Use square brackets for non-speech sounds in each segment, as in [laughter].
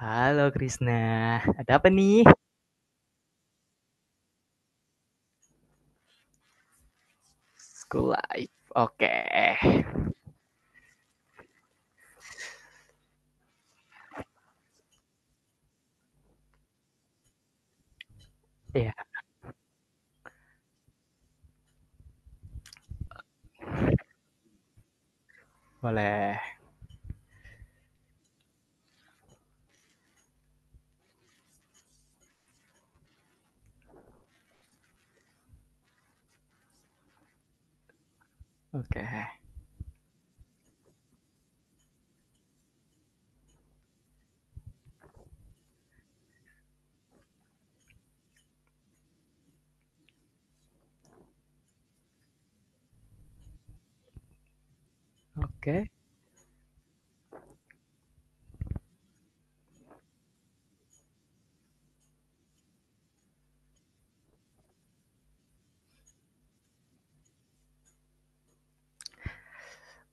Halo Krisna, ada apa nih? School life, oke. Iya, boleh. Oke, oke.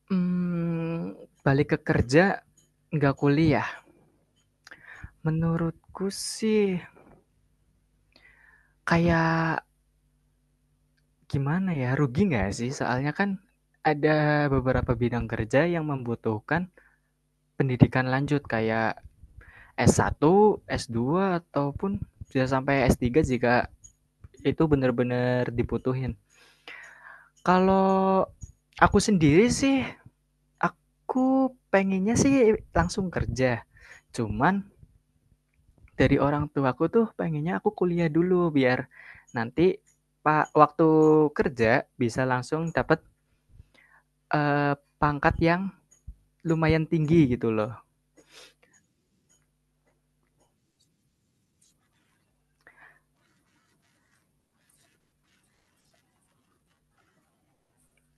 Hmm, balik ke kerja, nggak kuliah. Menurutku sih kayak gimana ya, rugi nggak sih? Soalnya kan ada beberapa bidang kerja yang membutuhkan pendidikan lanjut kayak S1, S2 ataupun bisa sampai S3 jika itu benar-benar dibutuhin. Kalau aku sendiri sih, aku pengennya sih langsung kerja. Cuman dari orang tuaku tuh pengennya aku kuliah dulu biar nanti waktu kerja bisa langsung dapat, pangkat yang lumayan tinggi gitu loh.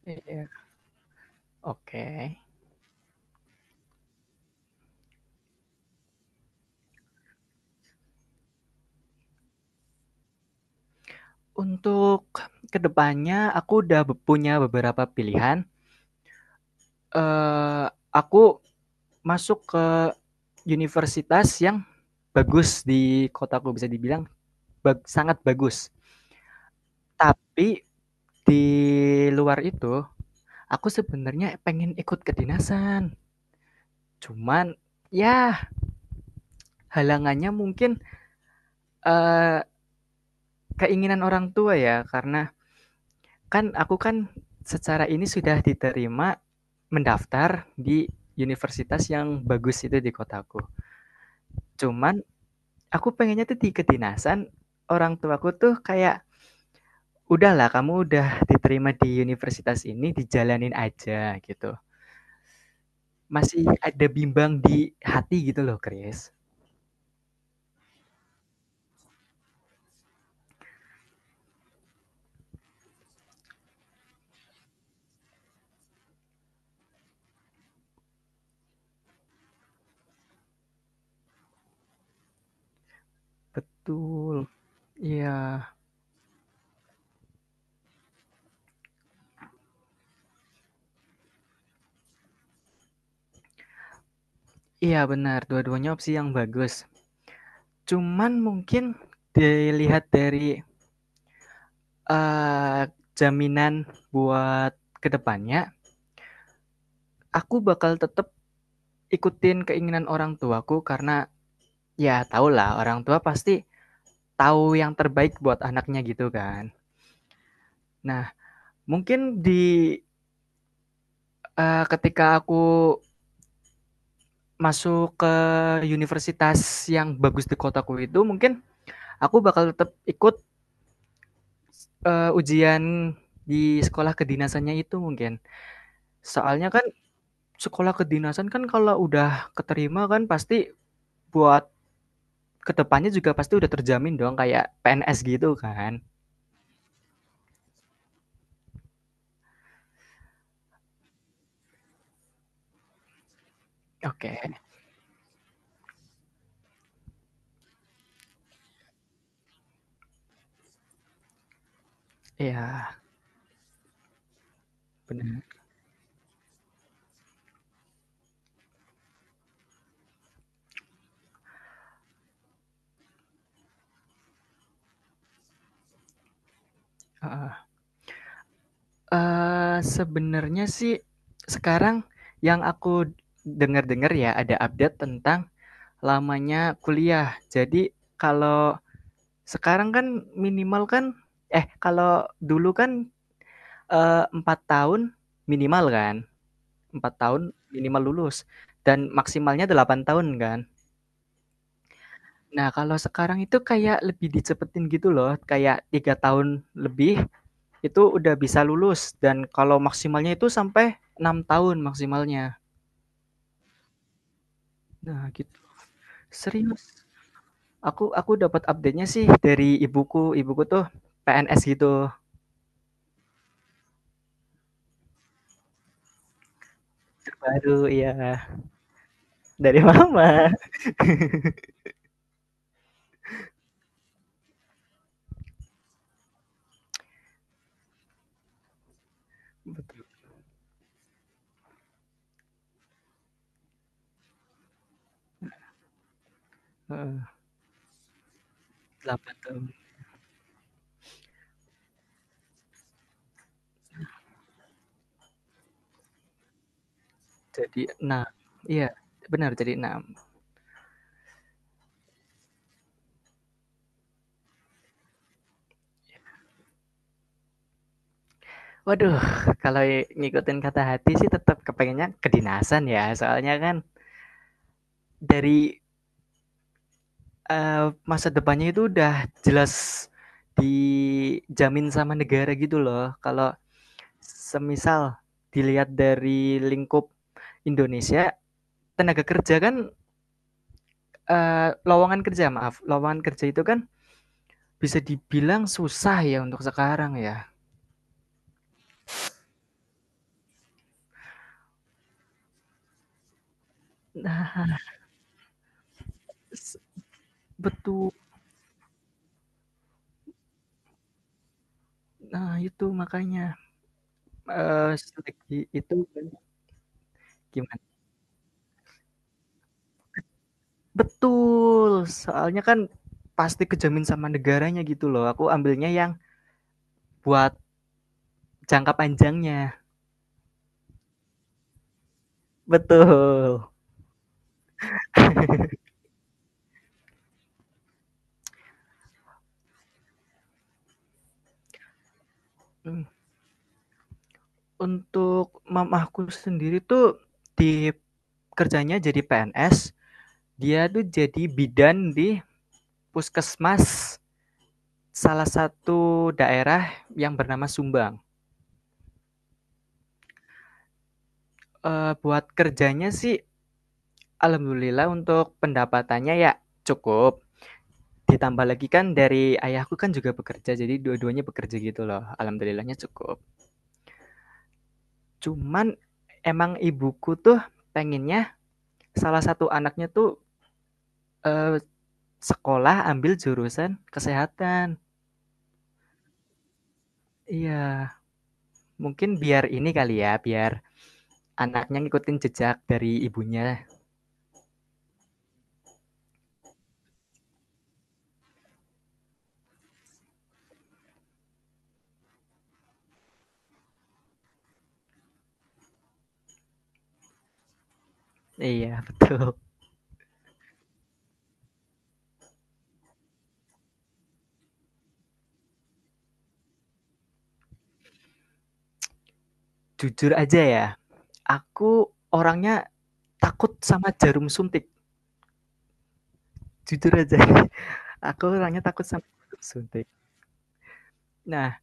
Iya. Oke. Untuk kedepannya aku udah punya beberapa pilihan, eee, aku masuk ke universitas yang bagus di kotaku, bisa dibilang sangat bagus. Tapi di luar itu aku sebenarnya pengen ikut kedinasan. Cuman ya halangannya mungkin eh, keinginan orang tua ya karena kan aku kan secara ini sudah diterima mendaftar di universitas yang bagus itu di kotaku. Cuman aku pengennya tuh di kedinasan, orang tuaku tuh kayak udahlah kamu udah diterima di universitas ini dijalanin aja gitu. Masih ada bimbang di hati gitu loh, Chris. Betul, iya, iya, benar, dua-duanya opsi yang bagus. Cuman mungkin dilihat dari, eee, jaminan buat kedepannya, aku bakal tetap ikutin keinginan orang tuaku karena ya tau lah, orang tua pasti tahu yang terbaik buat anaknya gitu kan. Nah, mungkin di ketika aku masuk ke universitas yang bagus di kotaku itu mungkin aku bakal tetap ikut ujian di sekolah kedinasannya itu mungkin. Soalnya kan sekolah kedinasan kan kalau udah keterima kan pasti buat kedepannya juga pasti udah terjamin dong kayak PNS gitu kan. Oke, iya benar, heeh. Sebenernya sih sekarang yang aku dengar-dengar ya ada update tentang lamanya kuliah. Jadi kalau sekarang kan minimal kan, kalau dulu kan, 4 tahun minimal kan, 4 tahun minimal lulus dan maksimalnya 8 tahun kan. Nah kalau sekarang itu kayak lebih dicepetin gitu loh, kayak 3 tahun lebih itu udah bisa lulus dan kalau maksimalnya itu sampai 6 tahun maksimalnya. Nah gitu, serius, aku dapat update-nya sih dari ibuku, ibuku tuh PNS gitu, terbaru iya, dari [laughs] mama. Betul, 8 tahun jadi enam, iya benar jadi enam. Waduh, kalau ngikutin kata hati sih tetap kepengennya kedinasan ya soalnya kan dari, masa depannya itu udah jelas dijamin sama negara gitu loh, kalau semisal dilihat dari lingkup Indonesia, tenaga kerja kan, lowongan kerja itu kan bisa dibilang susah ya untuk sekarang ya. Nah, betul. Nah itu makanya, strategi itu kan gimana? Betul, soalnya kan pasti kejamin sama negaranya gitu loh, aku ambilnya yang buat jangka panjangnya. Betul. Mmm, untuk mamaku sendiri tuh di kerjanya jadi PNS, dia tuh jadi bidan di puskesmas salah satu daerah yang bernama Sumbang. Buat kerjanya sih alhamdulillah untuk pendapatannya ya cukup. Ditambah lagi kan dari ayahku kan juga bekerja, jadi dua-duanya bekerja gitu loh, alhamdulillahnya cukup. Cuman emang ibuku tuh pengennya salah satu anaknya tuh, eee, sekolah ambil jurusan kesehatan. Iya, mungkin biar ini kali ya, biar anaknya ngikutin jejak dari ibunya. Iya, [laughs] betul. Jujur aja ya, aku orangnya takut sama jarum suntik, jujur aja. [laughs] Aku orangnya takut sama jarum suntik. Nah,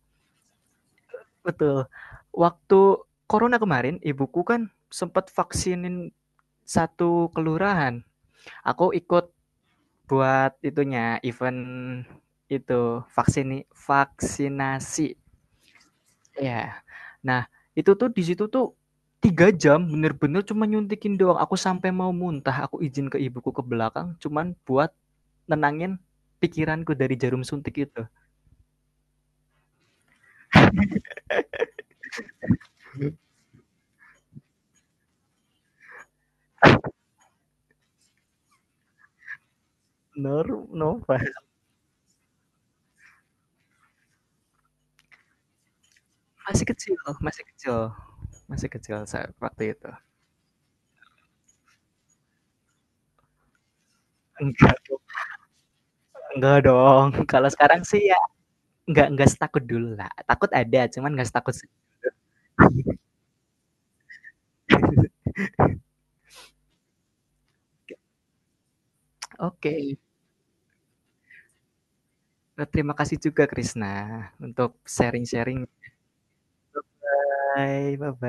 betul. Waktu corona kemarin, ibuku kan sempet vaksinin satu kelurahan. Aku ikut buat itunya, event itu, vaksinasi. Ya. Nah, itu tuh di situ tuh 3 jam bener-bener cuma nyuntikin doang. Aku sampai mau muntah, aku izin ke ibuku ke belakang cuman buat nenangin pikiranku dari jarum suntik itu. Nor novel. Masih kecil masih kecil, masih kecil saat waktu itu. Enggak dong, enggak dong. [laughs] Kalau sekarang sih ya enggak setakut dulu lah. Takut ada, cuman enggak setakut oke. Terima kasih juga Krisna untuk sharing-sharing. Bye-bye.